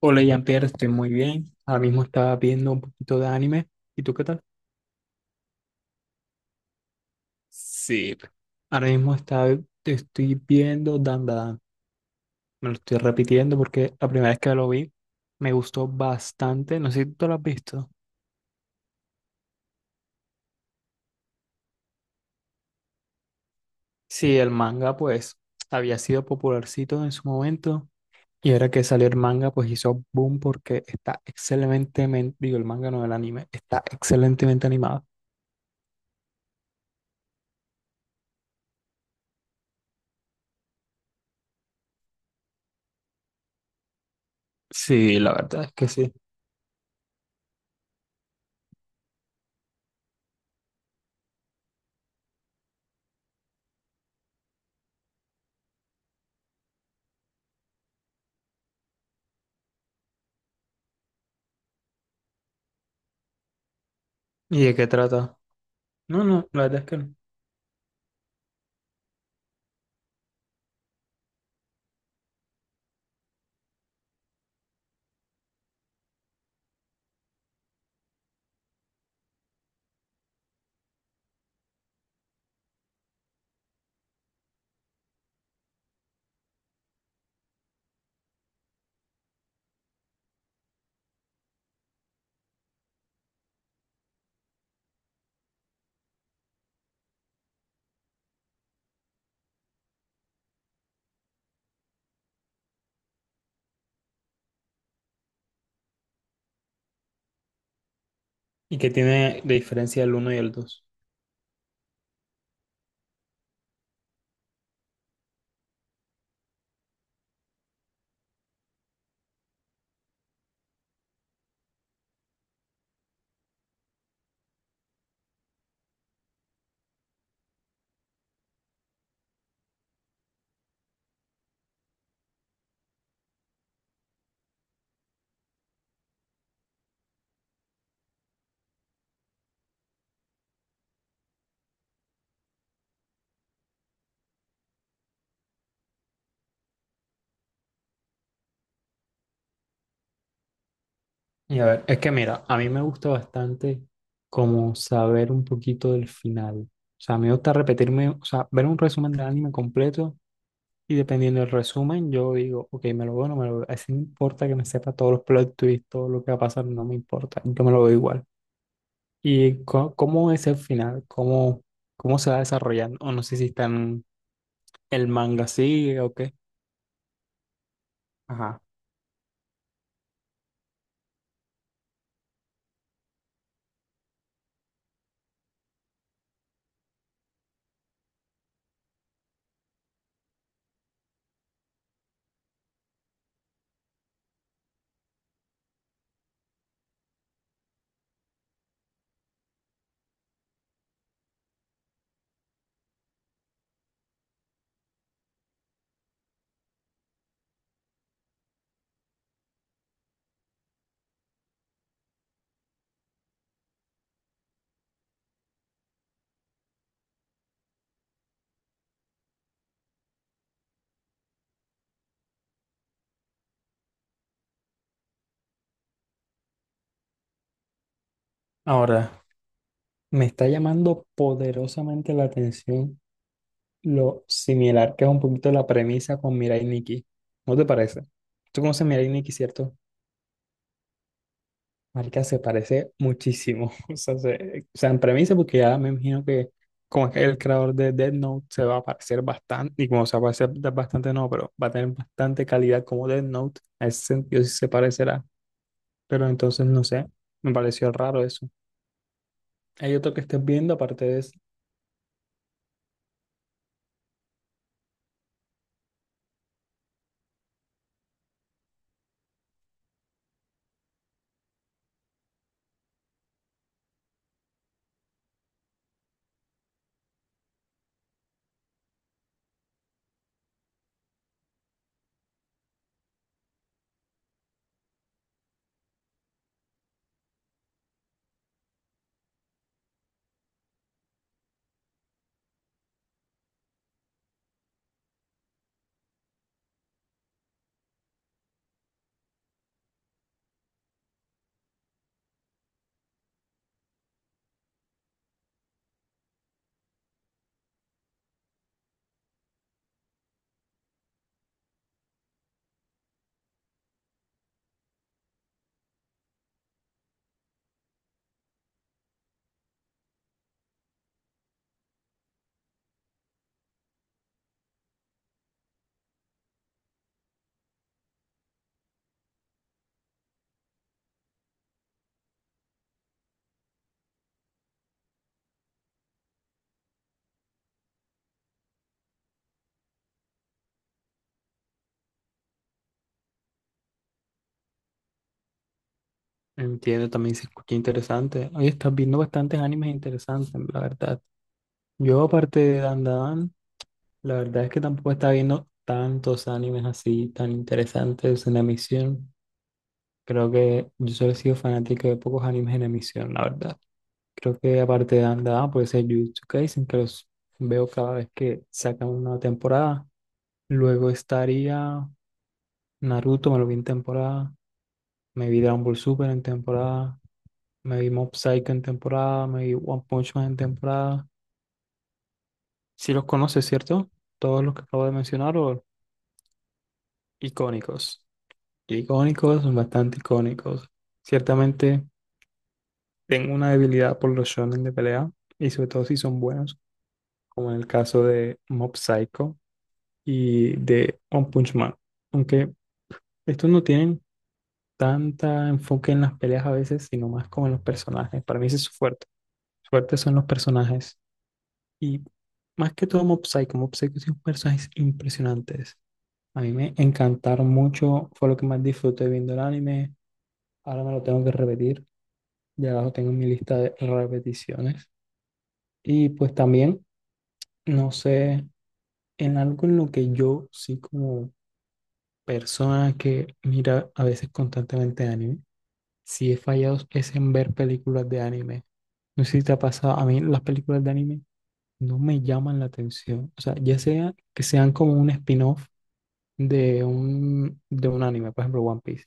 Hola Jean-Pierre, estoy muy bien. Ahora mismo estaba viendo un poquito de anime. ¿Y tú qué tal? Sí. Ahora mismo estaba, te estoy viendo Dandadan. Me lo estoy repitiendo porque la primera vez que lo vi me gustó bastante. No sé si tú lo has visto. Sí, el manga pues había sido popularcito en su momento y ahora que salió el manga pues hizo boom porque está excelentemente, digo el manga no el anime, está excelentemente animado. Sí, la verdad es que sí. ¿Y de qué trata? No, no, la verdad es que no. ¿Y qué tiene de diferencia el uno y el dos? Y a ver, es que mira, a mí me gusta bastante como saber un poquito del final. O sea, me gusta repetirme, o sea, ver un resumen del anime completo y dependiendo del resumen, yo digo, ok, me lo veo o no me lo veo. Así no importa que me sepa todos los plot twists, todo lo que va a pasar, no me importa, yo me lo veo igual. ¿Y cómo es el final? ¿Cómo, cómo se va desarrollando? O no sé si está en el manga así o qué. Ajá. Ahora, me está llamando poderosamente la atención lo similar que es un poquito la premisa con Mirai Nikki. ¿No te parece? Tú conoces Mirai Nikki, ¿cierto? Marica, se parece muchísimo. O sea, o sea, en premisa, porque ya me imagino que como es el creador de Death Note, se va a parecer bastante, y como se va a parecer bastante, no, pero va a tener bastante calidad como Death Note. En ese sentido sí se parecerá. Pero entonces, no sé, me pareció raro eso. Hay otro que estés viendo, aparte de eso. Entiendo, también se escucha interesante. Oye, estás viendo bastantes animes interesantes, la verdad. Yo, aparte de Dan Dan, la verdad es que tampoco está viendo tantos animes así tan interesantes en emisión. Creo que yo solo he sido fanático de pocos animes en emisión, la verdad. Creo que aparte de Dan Dan, puede ser Jujutsu Kaisen, que los veo cada vez que sacan una temporada. Luego estaría Naruto, me lo vi en temporada. Me vi Dragon Ball Super en temporada. Me vi Mob Psycho en temporada. Me vi One Punch Man en temporada. Si los conoces, ¿cierto? Todos los que acabo de mencionar o... Icónicos. Icónicos, son bastante icónicos. Ciertamente tengo una debilidad por los shonen de pelea y sobre todo si son buenos, como en el caso de Mob Psycho y de One Punch Man. Aunque estos no tienen tanta enfoque en las peleas a veces, sino más como en los personajes. Para mí ese es su fuerte. Su fuerte son los personajes. Y más que todo Mob Psycho. Mob Psycho tiene unos personajes impresionantes. A mí me encantaron mucho, fue lo que más disfruté viendo el anime. Ahora me lo tengo que repetir. Ya abajo tengo mi lista de repeticiones. Y pues también, no sé, en algo en lo que yo sí como persona que mira a veces constantemente anime, sí he fallado es en ver películas de anime. No sé si te ha pasado, a mí las películas de anime no me llaman la atención. O sea, ya sea que sean como un spin-off de un anime, por ejemplo, One Piece.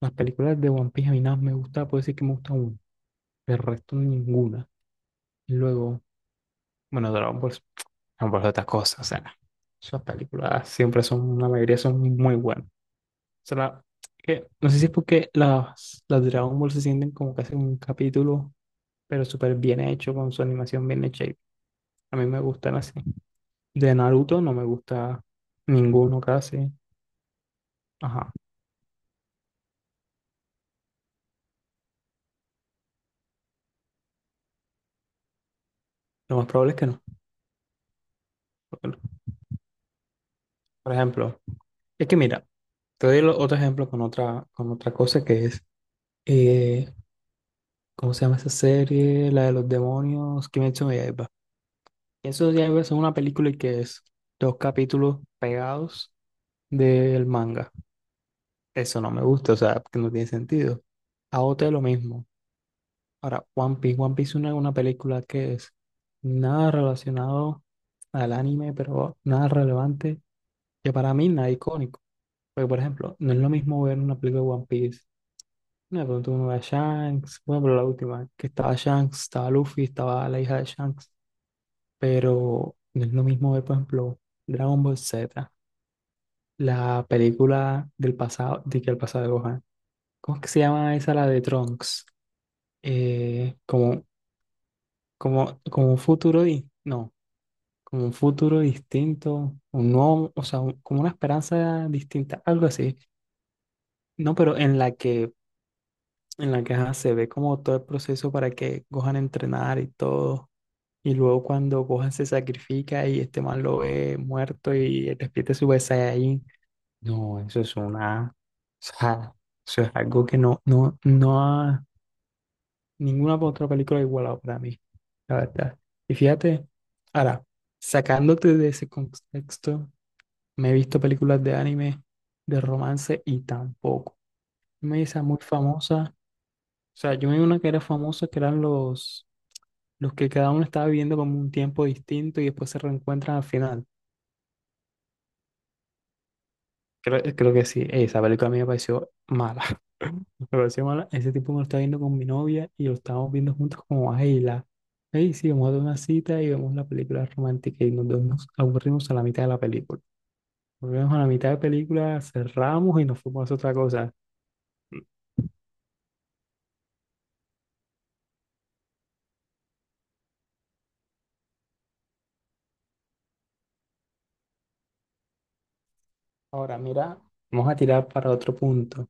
Las películas de One Piece a mí nada más me gusta, puedo decir que me gusta una, el resto ninguna. Y luego... Bueno, Dragon Ball no por otras cosas. O sea, esas películas siempre son, la mayoría son muy buenas. O sea, que, no sé si es porque las Dragon Ball se sienten como que hacen un capítulo, pero súper bien hecho, con su animación bien hecha, y a mí me gustan así. De Naruto no me gusta ninguno casi. Ajá. Lo más probable es que no. Por ejemplo, es que mira, te doy otro ejemplo con otra cosa que es, eh, ¿cómo se llama esa serie? La de los demonios, Kimetsu no. Eso ya es una película que es dos capítulos pegados del manga. Eso no me gusta, o sea, que no tiene sentido. AOT lo mismo. Ahora, One Piece. One Piece es una película que es nada relacionado al anime, pero nada relevante, que para mí nada icónico. Porque, por ejemplo, no es lo mismo ver una película de One Piece. No, pero tú no ves a Shanks, bueno, pero la última, que estaba Shanks, estaba Luffy, estaba la hija de Shanks. Pero no es lo mismo ver, por ejemplo, Dragon Ball Z, la película del pasado, de que el pasado de Gohan. ¿Cómo es que se llama esa, la de Trunks? Eh, como, como un futuro, no, como un futuro distinto, un nuevo, o sea, como una esperanza distinta, algo así. No, pero en la que ajá, se ve como todo el proceso para que Gohan entrenar y todo. Y luego cuando Gohan se sacrifica y este man lo ve muerto y despierta su Super. No, eso es una, o sea, eso es algo que no, no, no ha ninguna otra película igualado para mí, la verdad. Y fíjate, ahora, sacándote de ese contexto, me he visto películas de anime, de romance y tampoco. Me esa muy famosa, o sea, yo me vi una que era famosa, que eran los que cada uno estaba viviendo como un tiempo distinto y después se reencuentran al final. Creo, creo que sí. Esa película a mí me pareció mala. Me pareció mala. Ese tipo me lo estaba viendo con mi novia y lo estábamos viendo juntos como, ay, la, ay, sí, vamos a dar una cita y vemos la película romántica y nos, nos aburrimos a la mitad de la película. Volvemos a la mitad de la película, cerramos y nos fuimos a hacer otra cosa. Ahora, mira, vamos a tirar para otro punto.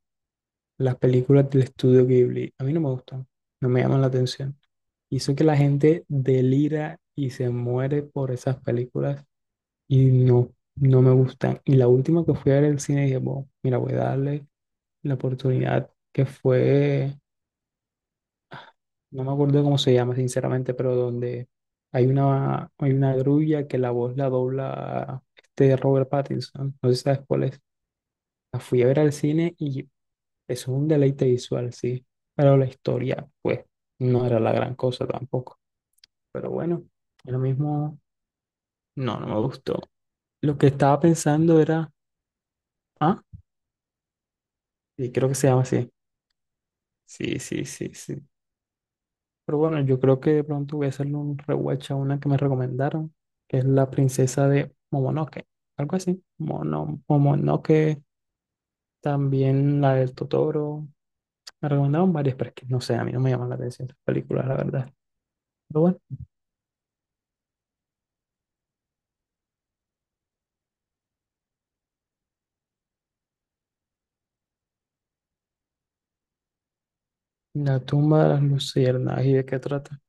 Las películas del estudio Ghibli a mí no me gustan, no me llaman la atención. Y eso que la gente delira y se muere por esas películas y no, no me gustan. Y la última que fui a ver el cine dije, bueno, mira, voy a darle la oportunidad que fue, no me acuerdo cómo se llama sinceramente, pero donde hay una grulla que la voz la dobla este Robert Pattinson, no sé si sabes cuál es. La fui a ver al cine y eso es un deleite visual, sí, pero la historia, pues, no era la gran cosa tampoco. Pero bueno, lo mismo, no, no me gustó. Lo que estaba pensando era, ah, y creo que se llama así. Sí, sí, sí, sí. Pero bueno, yo creo que de pronto voy a hacerle un rewatch a una que me recomendaron, que es La Princesa de Momonoke, algo así. Mono, Momonoke, también la del Totoro. Me recomendaron varias, pero es que no sé, a mí no me llaman la atención las películas, la verdad. Pero bueno, La tumba de las luciérnagas, ¿y de qué trata?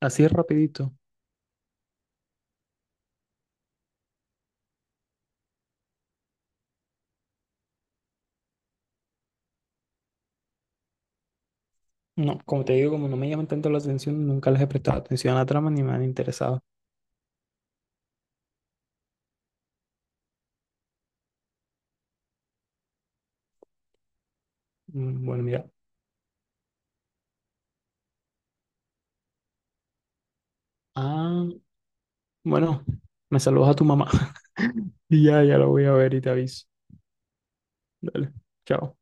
Así rapidito. No, como te digo, como no me llaman tanto la atención, nunca les he prestado atención a la trama ni me han interesado. Bueno, mira. Ah. Bueno, me saludas a tu mamá. Y ya, ya lo voy a ver y te aviso. Dale, chao.